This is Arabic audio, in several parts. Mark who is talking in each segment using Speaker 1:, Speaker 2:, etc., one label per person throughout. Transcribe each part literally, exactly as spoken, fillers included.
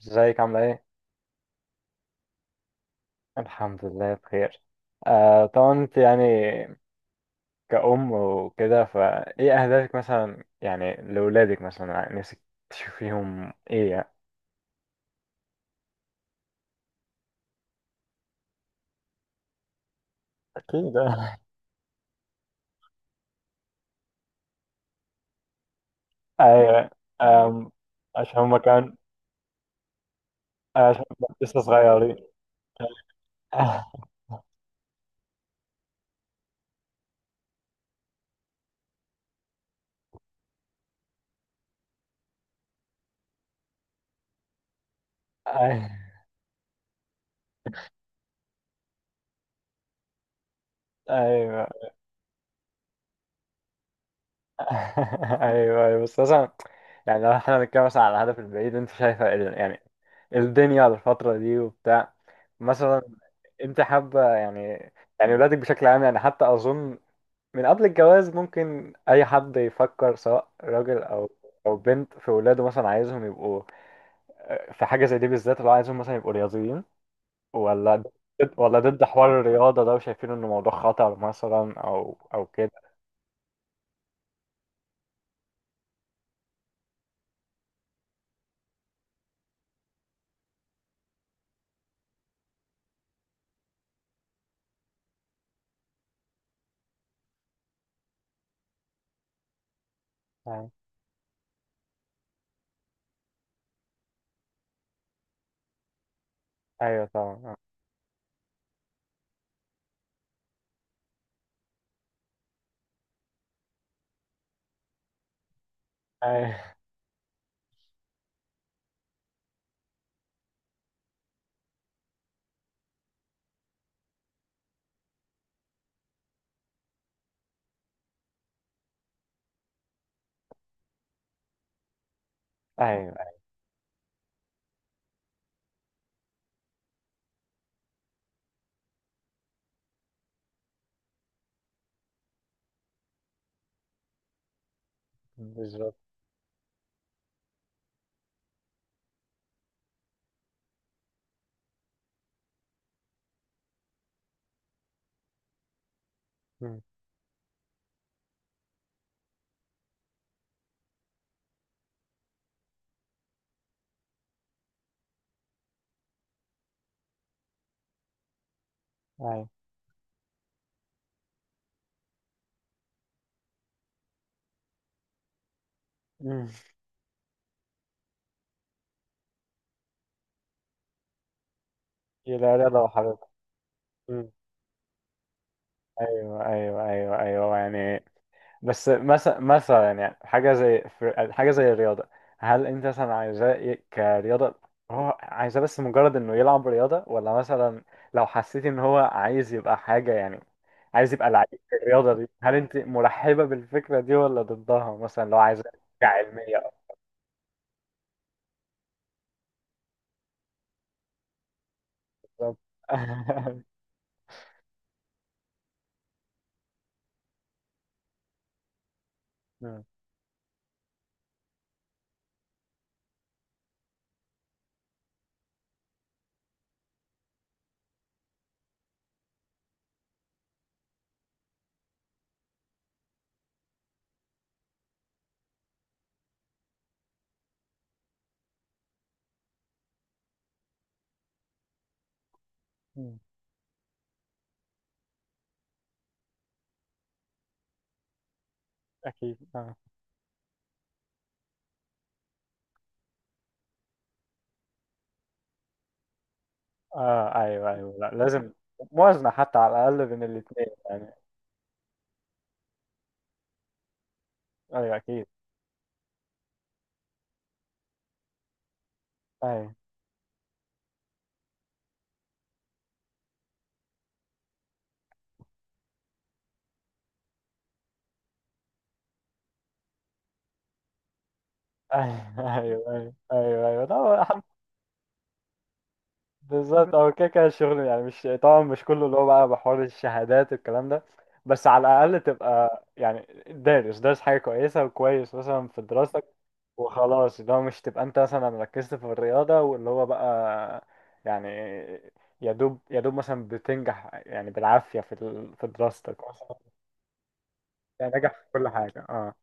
Speaker 1: ازيك عاملة ايه؟ الحمد لله بخير. آه، طبعا انت يعني كأم وكده، فايه أهدافك مثلا يعني لأولادك؟ مثلا يعني نفسك تشوفيهم ايه يعني؟ أكيد، آه. ايوه. آم، عشان هما كان عشان لسه صغيرين. ايوه. ايوه، ايوه، بس مثلا يعني لو احنا بنتكلم مثلا على الهدف البعيد، انت شايفه ال- يعني الدنيا الفترة دي وبتاع، مثلا انت حابة يعني يعني ولادك بشكل عام يعني؟ حتى اظن من قبل الجواز ممكن اي حد يفكر، سواء راجل او او بنت، في ولاده مثلا عايزهم يبقوا، آه، في حاجة زي دي بالذات، اللي هو عايزهم مثلا يبقوا رياضيين ولا ضد ولا ضد حوار الرياضة ده، وشايفين انه موضوع خطر مثلا، او او كده؟ ايوه طبعا. ايوه، ايوه، بالظبط. مم. ايوه. مم. يلا رياضة وحركة. مم. ايوه ايوه ايوه ايوه يعني، بس مثلا مثلا يعني حاجة زي في- حاجة زي الرياضة، هل انت مثلا عايزاه ي- كرياضة؟ هو عايزاه بس مجرد انه يلعب رياضة، ولا مثلا لو حسيت ان هو عايز يبقى حاجة يعني، عايز يبقى لعيب في الرياضة دي، هل انت مرحبة بالفكرة دي ولا ضدها؟ مثلا لو عايزاه كعلمية أو، بالظبط. مم. مم. أكيد. اه، ايوه ايوه، لا لازم موازنة حتى على الأقل بين الاتنين يعني. ايوه اكيد. ايوه ايوه ايوه ايوه ايوه ايوه، لا، هو حد- بالظبط، هو كده كده الشغل يعني، مش طبعا مش كله اللي هو بقى بحوار الشهادات والكلام ده، بس على الأقل تبقى يعني دارس دارس حاجة كويسة، وكويس مثلا في دراستك، وخلاص اللي هو مش تبقى انت مثلا ركزت في الرياضة واللي هو بقى، يعني يا دوب يا دوب مثلا بتنجح يعني بالعافية في ال- في دراستك، يعني نجح في كل حاجة. اه.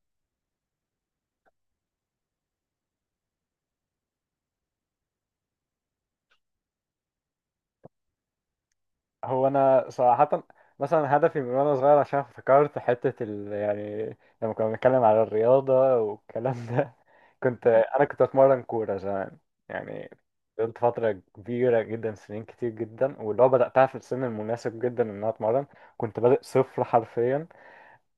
Speaker 1: هو انا صراحة مثلا هدفي من وانا صغير، عشان افتكرت حتة ال... يعني لما كنا بنتكلم على الرياضة والكلام ده، كنت انا كنت اتمرن كورة زمان يعني. فضلت فترة كبيرة جدا، سنين كتير جدا، واللي هو بدأتها في السن المناسب جدا ان انا اتمرن. كنت بادئ صفر حرفيا،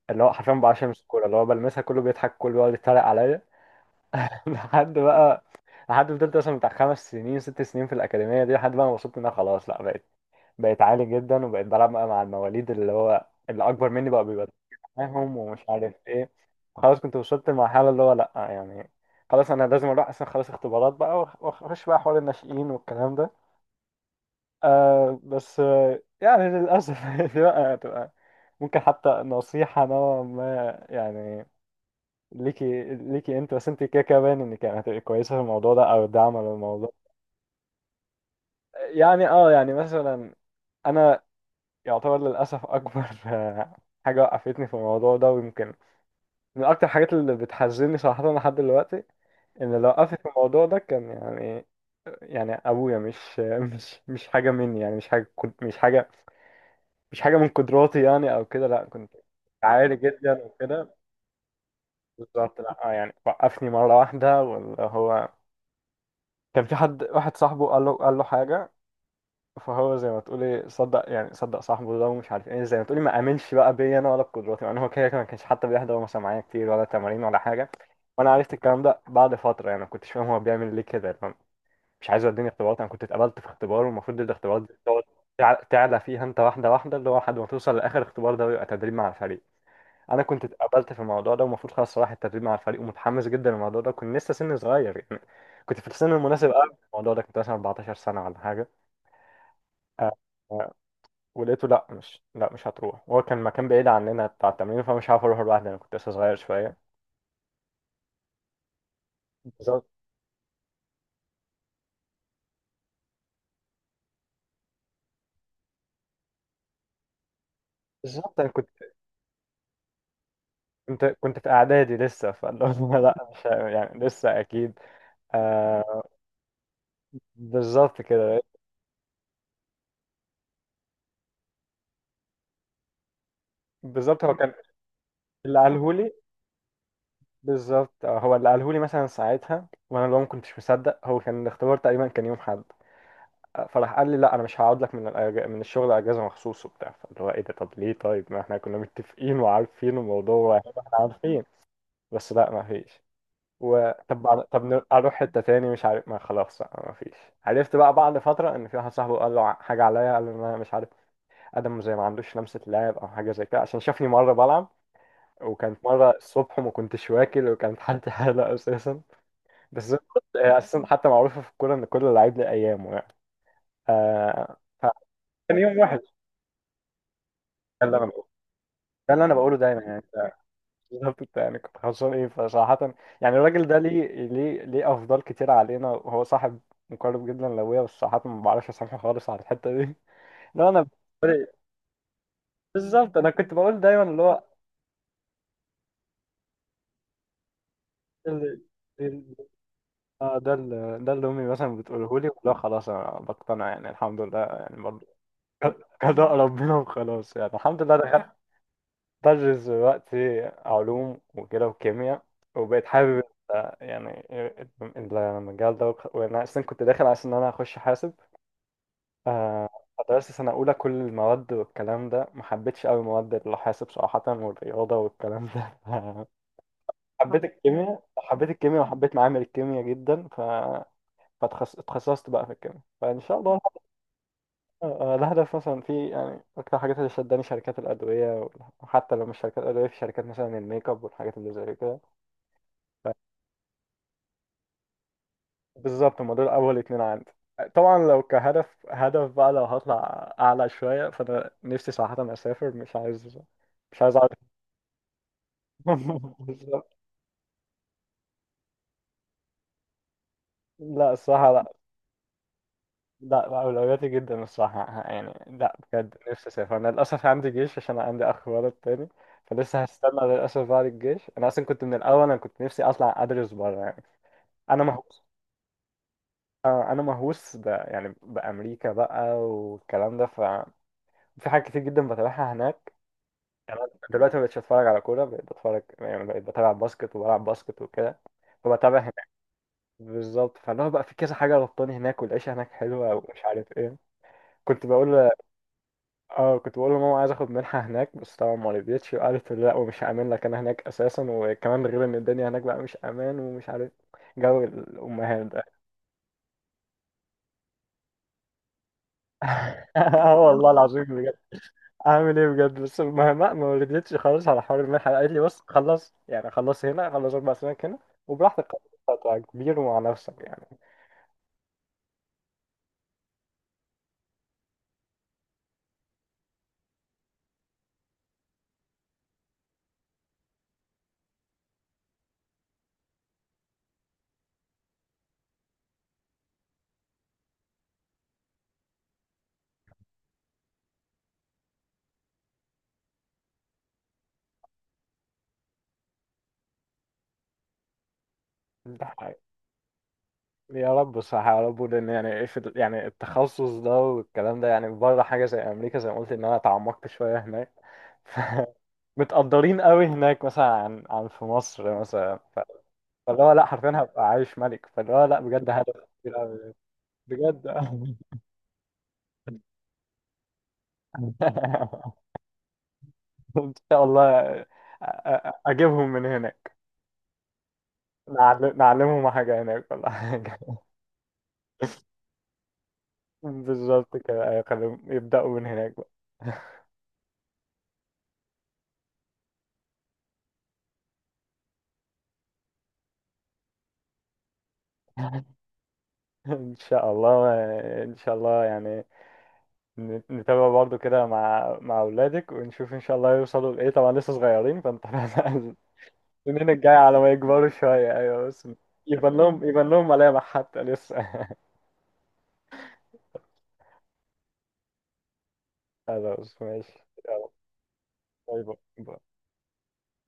Speaker 1: اللي هو حرفيا بعرفش امسك الكورة، اللي هو بلمسها كله بيضحك، كله بيقعد يتريق عليا. لحد بقى لحد فضلت مثلا بتاع خمس سنين، ست سنين في الأكاديمية دي، لحد بقى ما وصلت إن أنا خلاص لأ، بقيت بقيت عالي جدا، وبقيت بلعب بقى مع المواليد، اللي هو اللي اكبر مني، بقى بيبقى معاهم، ومش عارف ايه. خلاص كنت وصلت لمرحله اللي هو لا يعني خلاص انا لازم اروح، اصلا خلاص اختبارات بقى، وأخ- واخش بقى حوار الناشئين والكلام ده. آه بس، آه يعني للاسف دي بقى هتبقى ممكن حتى نصيحه نوعا ما يعني، ليكي ليكي انت، بس انت كده كده باين انك يعني هتبقي كويسه في الموضوع ده او داعمه للموضوع يعني. اه، يعني مثلا انا يعتبر للأسف أكبر آه، حاجة وقفتني في الموضوع ده، ويمكن من أكتر الحاجات اللي بتحزني صراحة لحد دلوقتي، إن اللي وقفني في الموضوع ده كان يعني يعني أبويا مش مش مش حاجة مني يعني، مش حاجة كنت، مش حاجة، مش حاجة من قدراتي يعني أو كده، لأ كنت عالي جدا وكده. بالظبط، لأ يعني وقفني مرة واحدة، واللي هو كان في حد واحد صاحبه قال له قال له حاجة. فهو زي ما تقولي صدق، يعني صدق صاحبه ده، ومش عارف ايه، زي ما تقولي ما امنش بقى بيا انا ولا بقدراتي يعني. هو كده كده ما كانش حتى بيحضر مثلا معايا كتير، ولا تمارين ولا حاجه. وانا عرفت الكلام ده بعد فتره يعني، ما كنتش فاهم هو بيعمل ليه كده يعني. مش عايز يديني اختبارات. انا كنت اتقبلت في اختبار، والمفروض الاختبارات دي تقعد تع- تعلى فيها انت واحده واحده، اللي هو لحد ما توصل لاخر اختبار ده، ويبقى تدريب مع الفريق. انا كنت اتقبلت في الموضوع ده، ومفروض خلاص رايح التدريب مع الفريق، ومتحمس جدا للموضوع ده، كنت لسه سني صغير يعني، كنت في السن المناسب قوي الموضوع ده، كنت مثلا اربعتاشر سنه ولا حاجه. آه، ولقيته لا مش لا مش هتروح. هو كان مكان بعيد عننا بتاع التمرين، فمش عارف اروح لوحدي، انا كنت لسه صغير شويه. بالظبط. بالظبط، انا كنت كنت كنت في اعدادي لسه، فاللي هو لا مش ه- يعني لسه اكيد. آه. بالظبط كده. بالظبط هو كان، اللي قالهولي، بالظبط، آه، هو اللي قالهولي مثلا ساعتها، وانا اللي هو ما كنتش مصدق. هو كان الاختبار تقريبا كان يوم حد. آه، فراح قال لي لا انا مش هقعد لك من الأج... من الشغل اجازه مخصوص وبتاع، فاللي هو ايه ده، طب ليه؟ طيب ما احنا كنا متفقين وعارفين الموضوع، واحنا عارفين. بس لا، ما فيش. وطب بعد- طب ن- اروح حته تاني مش عارف، ما خلاص بقى ما فيش. عرفت بقى بعد فتره ان في واحد صاحبه قال له ع- حاجه عليا، قال له ان انا مش عارف ادم زي ما عندوش لمسه لعب او حاجه زي كده، عشان شافني مره بلعب، وكانت مره الصبح وما كنتش واكل، وكانت حالتي حاله اساسا. بس زي ما قلت، هي اساسا حتى معروفه في الكوره ان كل لعيب له ايامه يعني. آه فكان يوم وحش. ده اللي انا بقوله، ده اللي انا بقوله دايما يعني. بالظبط، انت يعني كنت خسران ايه فصراحة. يعني الراجل ده ليه ليه ليه افضال كتير علينا، وهو صاحب مقرب جدا لابويا، بس صراحة ما بعرفش اسامحه خالص على الحتة دي. لا انا بالنسبة لي- بالظبط، انا كنت بقول دايما اللي هو، ال- ال- اه ده اللي ده اللي امي مثلا بتقوله لي، لا خلاص انا بقتنع يعني، الحمد لله يعني برضه. قضاء ربنا وخلاص يعني، الحمد لله دخلت بدرس دلوقتي علوم وكده وكيمياء، وبقيت حابب ال- يعني ال- المجال ده، وخ- وانا اصلا كنت داخل عشان انا اخش حاسب. آه، فدرست سنة أولى كل المواد والكلام ده، ما حبيتش أوي مواد الحاسب صراحة، والرياضة والكلام ده. حبيت الكيمياء حبيت الكيمياء، وحبيت معامل الكيمياء جدا، ف فتخصصت بقى في الكيمياء، فإن شاء الله. آه، آه، ده هدف مثلا في، يعني أكتر حاجات اللي شداني شركات الأدوية، وحتى لو مش شركات أدوية في شركات مثلا الميك اب والحاجات اللي زي كده. بالظبط، هما دول أول اتنين عندي. آه، طبعا لو كهدف، هدف بقى، لو هطلع أعلى شوية، فأنا نفسي صراحة أسافر، مش عايز مش عايز أقعد. بالظبط. لا الصراحة لا. لا، أولوياتي جدا الصراحة يعني، لا بجد نفسي أسافر. أنا للأسف عندي جيش، عشان أنا عندي أخ ولد تاني، فلسه هستنى للأسف بعد الجيش. أنا أصلا كنت من الأول، أنا كنت نفسي أطلع أدرس بره يعني. انا مهووس. آه، انا مهووس ب... يعني بامريكا بقى والكلام ده، ففي حاجات كتير جدا بتابعها هناك يعني. أنا دلوقتي ما بقتش اتفرج على كوره، بقيت بتفرج يعني، بقيت بتابع باسكت وبلعب باسكت وكده، فبتابع هناك. بالظبط، فاللي هو بقى في كذا حاجه ربطاني هناك، والعيشه هناك حلوه ومش عارف ايه. كنت بقول ل- اه كنت بقول لماما عايز اخد منحه هناك، بس طبعا ما رضيتش وقالت لا ومش هامن لك انا هناك اساسا، وكمان غير ان الدنيا هناك بقى مش امان ومش عارف، جو الامهات ده. اه والله العظيم. عامل ايه بجد، بس ما ما ما ردتش خالص على حوار المنحة، قالت لي بص خلص يعني، خلص هنا، خلص أربع سنين هنا وبراحتك، هتبقى كبير ومع نفسك يعني. ده حقيقي. يا رب بصراحة، يا رب، لأن يعني إيه في ال- يعني التخصص ده والكلام ده يعني، بره حاجة زي أمريكا، زي ما قلت إن أنا اتعمقت شوية هناك. متقدرين قوي هناك مثلا، عن عن في مصر مثلا، ف- فاللي هو لا حرفيا هبقى عايش ملك، فاللي هو لا بجد هدف كبير قوي بجد. ان شاء الله، أ- أ- اجيبهم من هناك، نعل- نعلمهم حاجه هناك ولا حاجه. بالظبط كده، أيوة، خليهم يبداوا من هناك بقى. ان شاء الله، ان شاء الله يعني ن- نتابع برضو كده مع مع اولادك، ونشوف ان شاء الله يوصلوا لايه. طبعا لسه صغيرين فانت السنين الجايه على ما يكبروا شويه. ايوه بس يبان لهم يبان لهم ملامح حتى لسه. خلاص ماشي. يلا. باي باي.